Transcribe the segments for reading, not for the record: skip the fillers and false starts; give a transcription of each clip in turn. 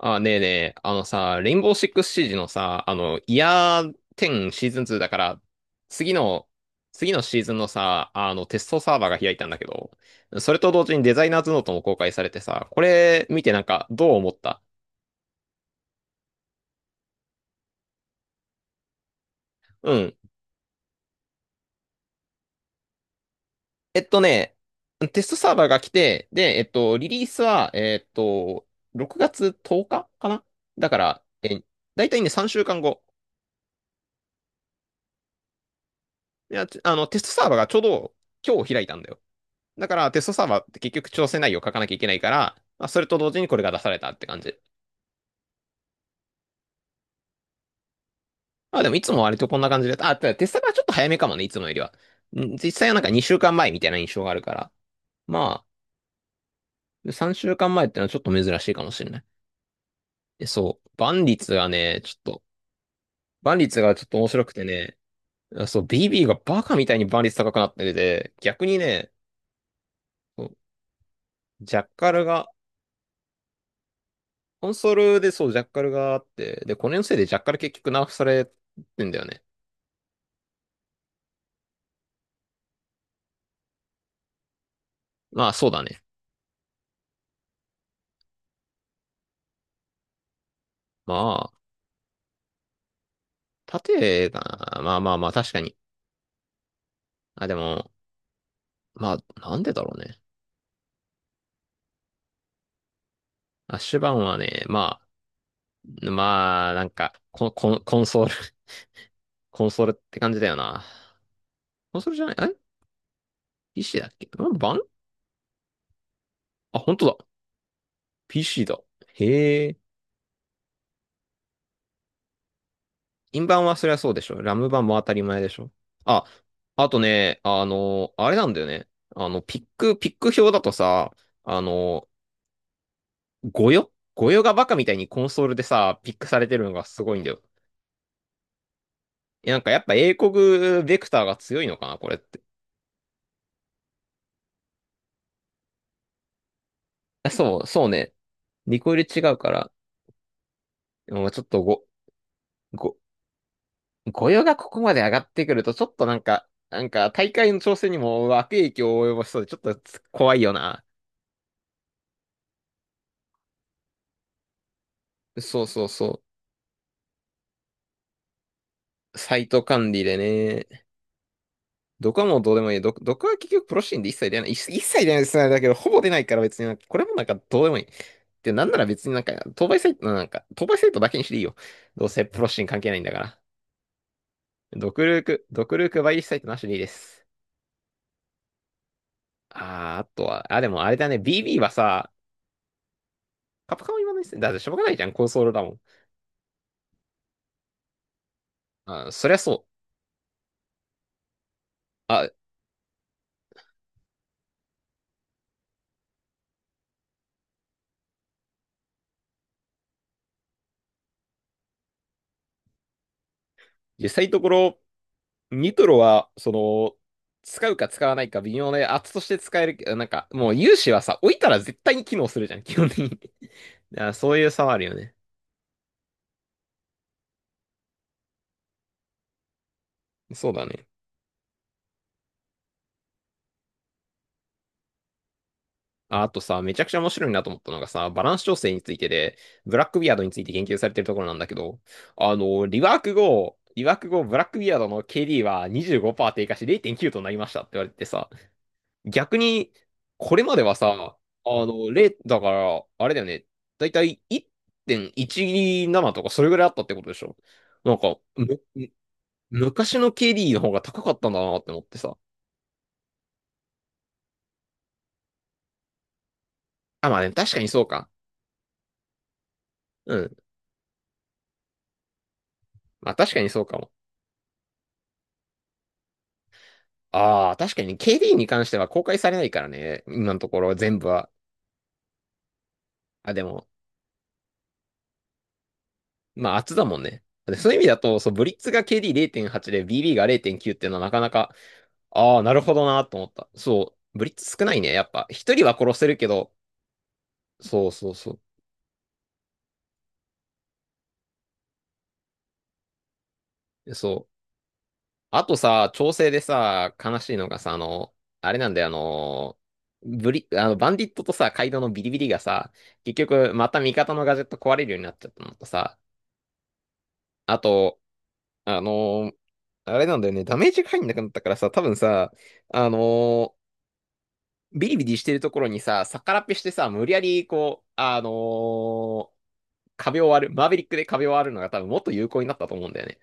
あ、ねえねえ、あのさ、レインボーシックスシージのさ、あの、イヤー10シーズン2だから、次の、次のシーズンのさ、あの、テストサーバーが開いたんだけど、それと同時にデザイナーズノートも公開されてさ、これ見てなんかどう思った？うん。えっとね、テストサーバーが来て、で、リリースは、6月10日かかな。だから、だいたいね、3週間後。いや、ちあの、テストサーバーがちょうど今日開いたんだよ。だから、テストサーバーって結局調整内容を書かなきゃいけないから、まあ、それと同時にこれが出されたって感じ。まあでも、いつも割とこんな感じで、あ、テストサーバーちょっと早めかもね、いつもよりは。実際はなんか2週間前みたいな印象があるから。まあ、3週間前ってのはちょっと珍しいかもしれない。でそう、万率がね、ちょっと、万率がちょっと面白くてね、そう、BB がバカみたいに万率高くなってて、逆にね、ジャッカルが、コンソールでそう、ジャッカルがあって、で、これのせいでジャッカル結局ナーフされてんだよね。まあ、そうだね。まあ、縦が、まあ、確かに。あ、でも、まあ、なんでだろうね。アッシュバーンはね、まあ、まあ、コンソール、コンソールって感じだよな。コンソールじゃない、え？ PC だっけラム版？あ、本当だ。PC だ。へえ。インバはそりゃそうでしょ。ラム版も当たり前でしょ。あ、あとね、あれなんだよね。あの、ピック表だとさ、あの、ごよごよがバカみたいにコンソールでさ、ピックされてるのがすごいんだよ。なんかやっぱ英国ベクターが強いのかな、これって。あそう、そうね。リコイル違うから、もうちょっとご、ご、御用がここまで上がってくると、ちょっとなんか、なんか大会の調整にも悪影響を及ぼしそうで、ちょっと怖いよな。そう。サイト管理でね。毒はもうどうでもいい。毒は結局プロシーンで一切出ない。一切出ないですね。だけど、ほぼ出ないから別になんか、これもなんかどうでもいい。で、なんなら別になんか、当倍サイトだけにしていいよ。どうせプロシーン関係ないんだから。ドクルークバイリスサイトなしでいいです。あー、あとは、あ、でもあれだね、BB はさ、カプカンは言わないっすね。だってしょうがないじゃん、コンソールだもん。あ、そりゃそう。あ、実際のところ、ニトロは、使うか使わないか微妙で、圧として使えるけど、なんか、もう有志はさ、置いたら絶対に機能するじゃん、基本的に。だからそういう差はあるよね。そうだね。ああとさ、めちゃくちゃ面白いなと思ったのがさ、バランス調整についてで、ブラックビアードについて研究されてるところなんだけど、あの、リワーク後、ブラックビアードの KD は25%低下し0.9となりましたって言われてさ、逆に、これまではさ、あの、0、だから、あれだよね、だいたい1.17とかそれぐらいあったってことでしょ？なんか、む、昔の KD の方が高かったんだなって思ってさ。あ、まあね、確かにそうか。うん。まあ確かにそうかも。ああ、確かに KD に関しては公開されないからね。今のところ全部は。あ、でも、まあ、厚だもんね。でそういう意味だと、そう、ブリッツが KD0.8 で BB が0.9っていうのはなかなか、ああ、なるほどなと思った。そう、ブリッツ少ないね。やっぱ、一人は殺せるけど、そう。そう。あとさ、調整でさ、悲しいのがさ、あれなんだよ、あの、バンディットとさ、カイドウのビリビリがさ、結局、また味方のガジェット壊れるようになっちゃったのとさ、あと、あのーあれなんだよね、ダメージが入んなくなったからさ、多分さ、あのビリビリしてるところにさ、逆らっぺしてさ、無理やりこう、壁を割る、マーベリックで壁を割るのが多分もっと有効になったと思うんだよね。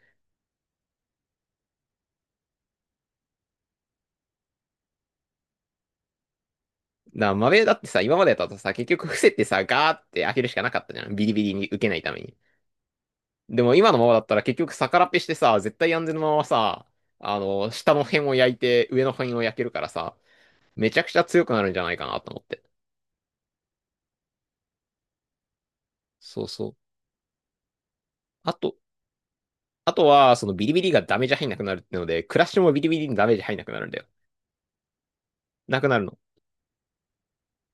だからマベだってさ、今までだとさ、結局伏せてさ、ガーって開けるしかなかったじゃん。ビリビリに受けないために。でも今のままだったら結局逆らっぺしてさ、絶対安全のままさ、あの下の辺を焼いて上の辺を焼けるからさ、めちゃくちゃ強くなるんじゃないかなと思って。そうそう。あと、あとは、そのビリビリがダメージ入んなくなるってので、クラッシュもビリビリにダメージ入んなくなるんだよ。なくなるの。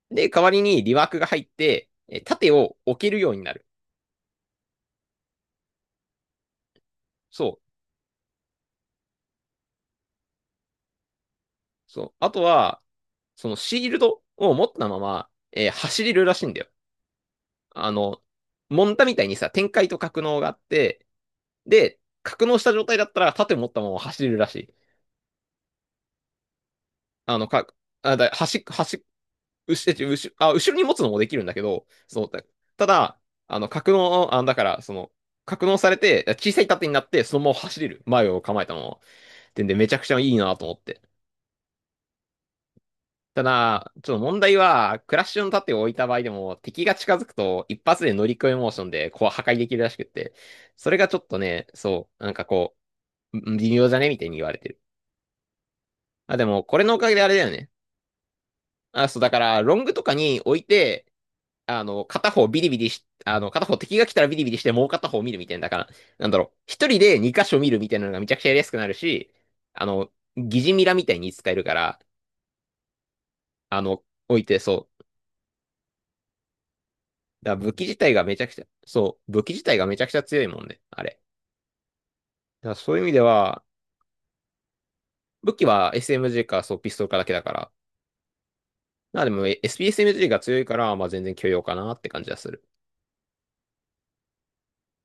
で、代わりにリワークが入って、え盾を置けるようになる。そう。そう。あとは、そのシールドを持ったまま、えー走れるらしいんだよ。あの、モンタみたいにさ、展開と格納があって、で、格納した状態だったら盾を持ったまま走れるらしい。あの、か、あだ端っ、端っ後ろあ後ろに持つのもできるんだけど、そのただ、あの格納、あだから、格納されて、小さい盾になって、そのまま走れる。前を構えたまま。ってんで、めちゃくちゃいいなと思って。ただ、ちょっと問題は、クラッシュの盾を置いた場合でも、敵が近づくと、一発で乗り越えモーションで、こう破壊できるらしくって、それがちょっとね、そう、微妙じゃねみたいに言われてる。あ、でも、これのおかげであれだよね。あ、そう、だから、ロングとかに置いて、あの、片方ビリビリし、あの、片方敵が来たらビリビリして、もう片方見るみたいな、だから、なんだろう、一人で二箇所見るみたいなのがめちゃくちゃやりやすくなるし、あの、疑似ミラみたいに使えるから、あの、置いて、そう。だから武器自体がめちゃくちゃ強いもんね、あれ。だからそういう意味では、武器は SMG か、そう、ピストルかだけだから。まあでも、SPSMG が強いから、まあ全然許容かなって感じはする。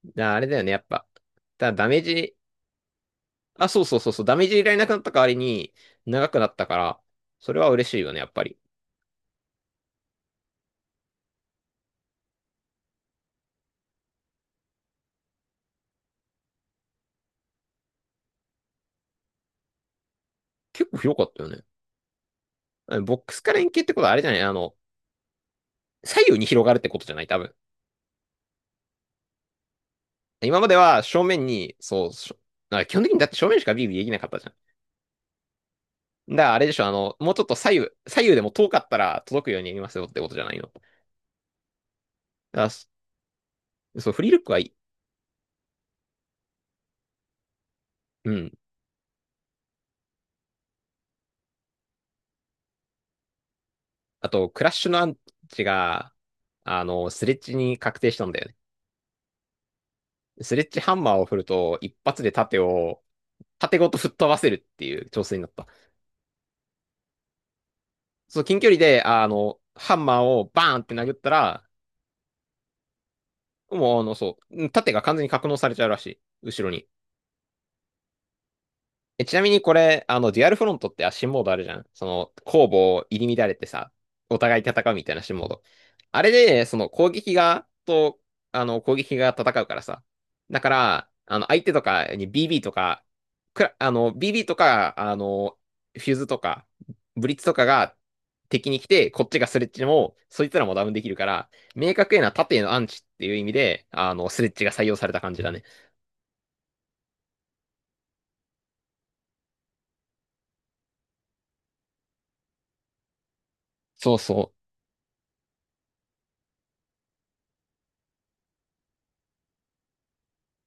だからあれだよね、やっぱ。ただダメージあ、そう、ダメージいられなくなった代わりに、長くなったから、それは嬉しいよね、やっぱり。結構広かったよね。あのボックスから円形ってことはあれじゃない？あの、左右に広がるってことじゃない多分。今までは正面に、そう、なんか基本的にだって正面しかビビできなかったじゃん。だからあれでしょ、あの、もうちょっと左右、左右でも遠かったら届くようにやりますよってことじゃないの。だからそそう、フリールックはいい。うん。あと、クラッシュのアンチが、あの、スレッジに確定したんだよね。スレッジハンマーを振ると、一発で盾を縦ごと吹っ飛ばせるっていう挑戦だった。そう、近距離で、あの、ハンマーをバーンって殴ったら、もう、あの、そう、縦が完全に格納されちゃうらしい。後ろに。え、ちなみにこれ、あの、デュアルフロントって新モードあるじゃん。その、攻防入り乱れてさ、お互い戦うみたいな新モード。あれで、その、攻撃側と、あの、攻撃側戦うからさ。だから、あの、相手とかに BB とか、くら、あの、BB とか、あの、フューズとか、ブリッツとかが敵に来て、こっちがスレッチも、そいつらもダウンできるから、明確へな縦へのアンチっていう意味で、あの、スレッチが採用された感じだね。そうそ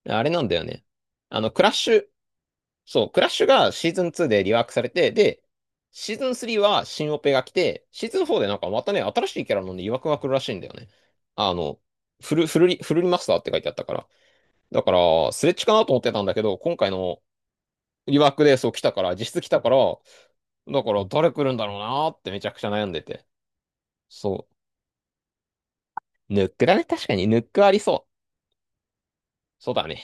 う。あれなんだよね。あの、クラッシュ、そう、クラッシュがシーズン2でリワークされて、で、シーズン3は新オペが来て、シーズン4でなんかまたね、新しいキャラのね、曰くが来るらしいんだよね。あの、フルリマスターって書いてあったから。だから、スレッチかなと思ってたんだけど、今回のリワークでそう来たから、実質来たから、だから誰来るんだろうなーってめちゃくちゃ悩んでて。そう。ヌックだね。確かにヌックありそう。そうだね。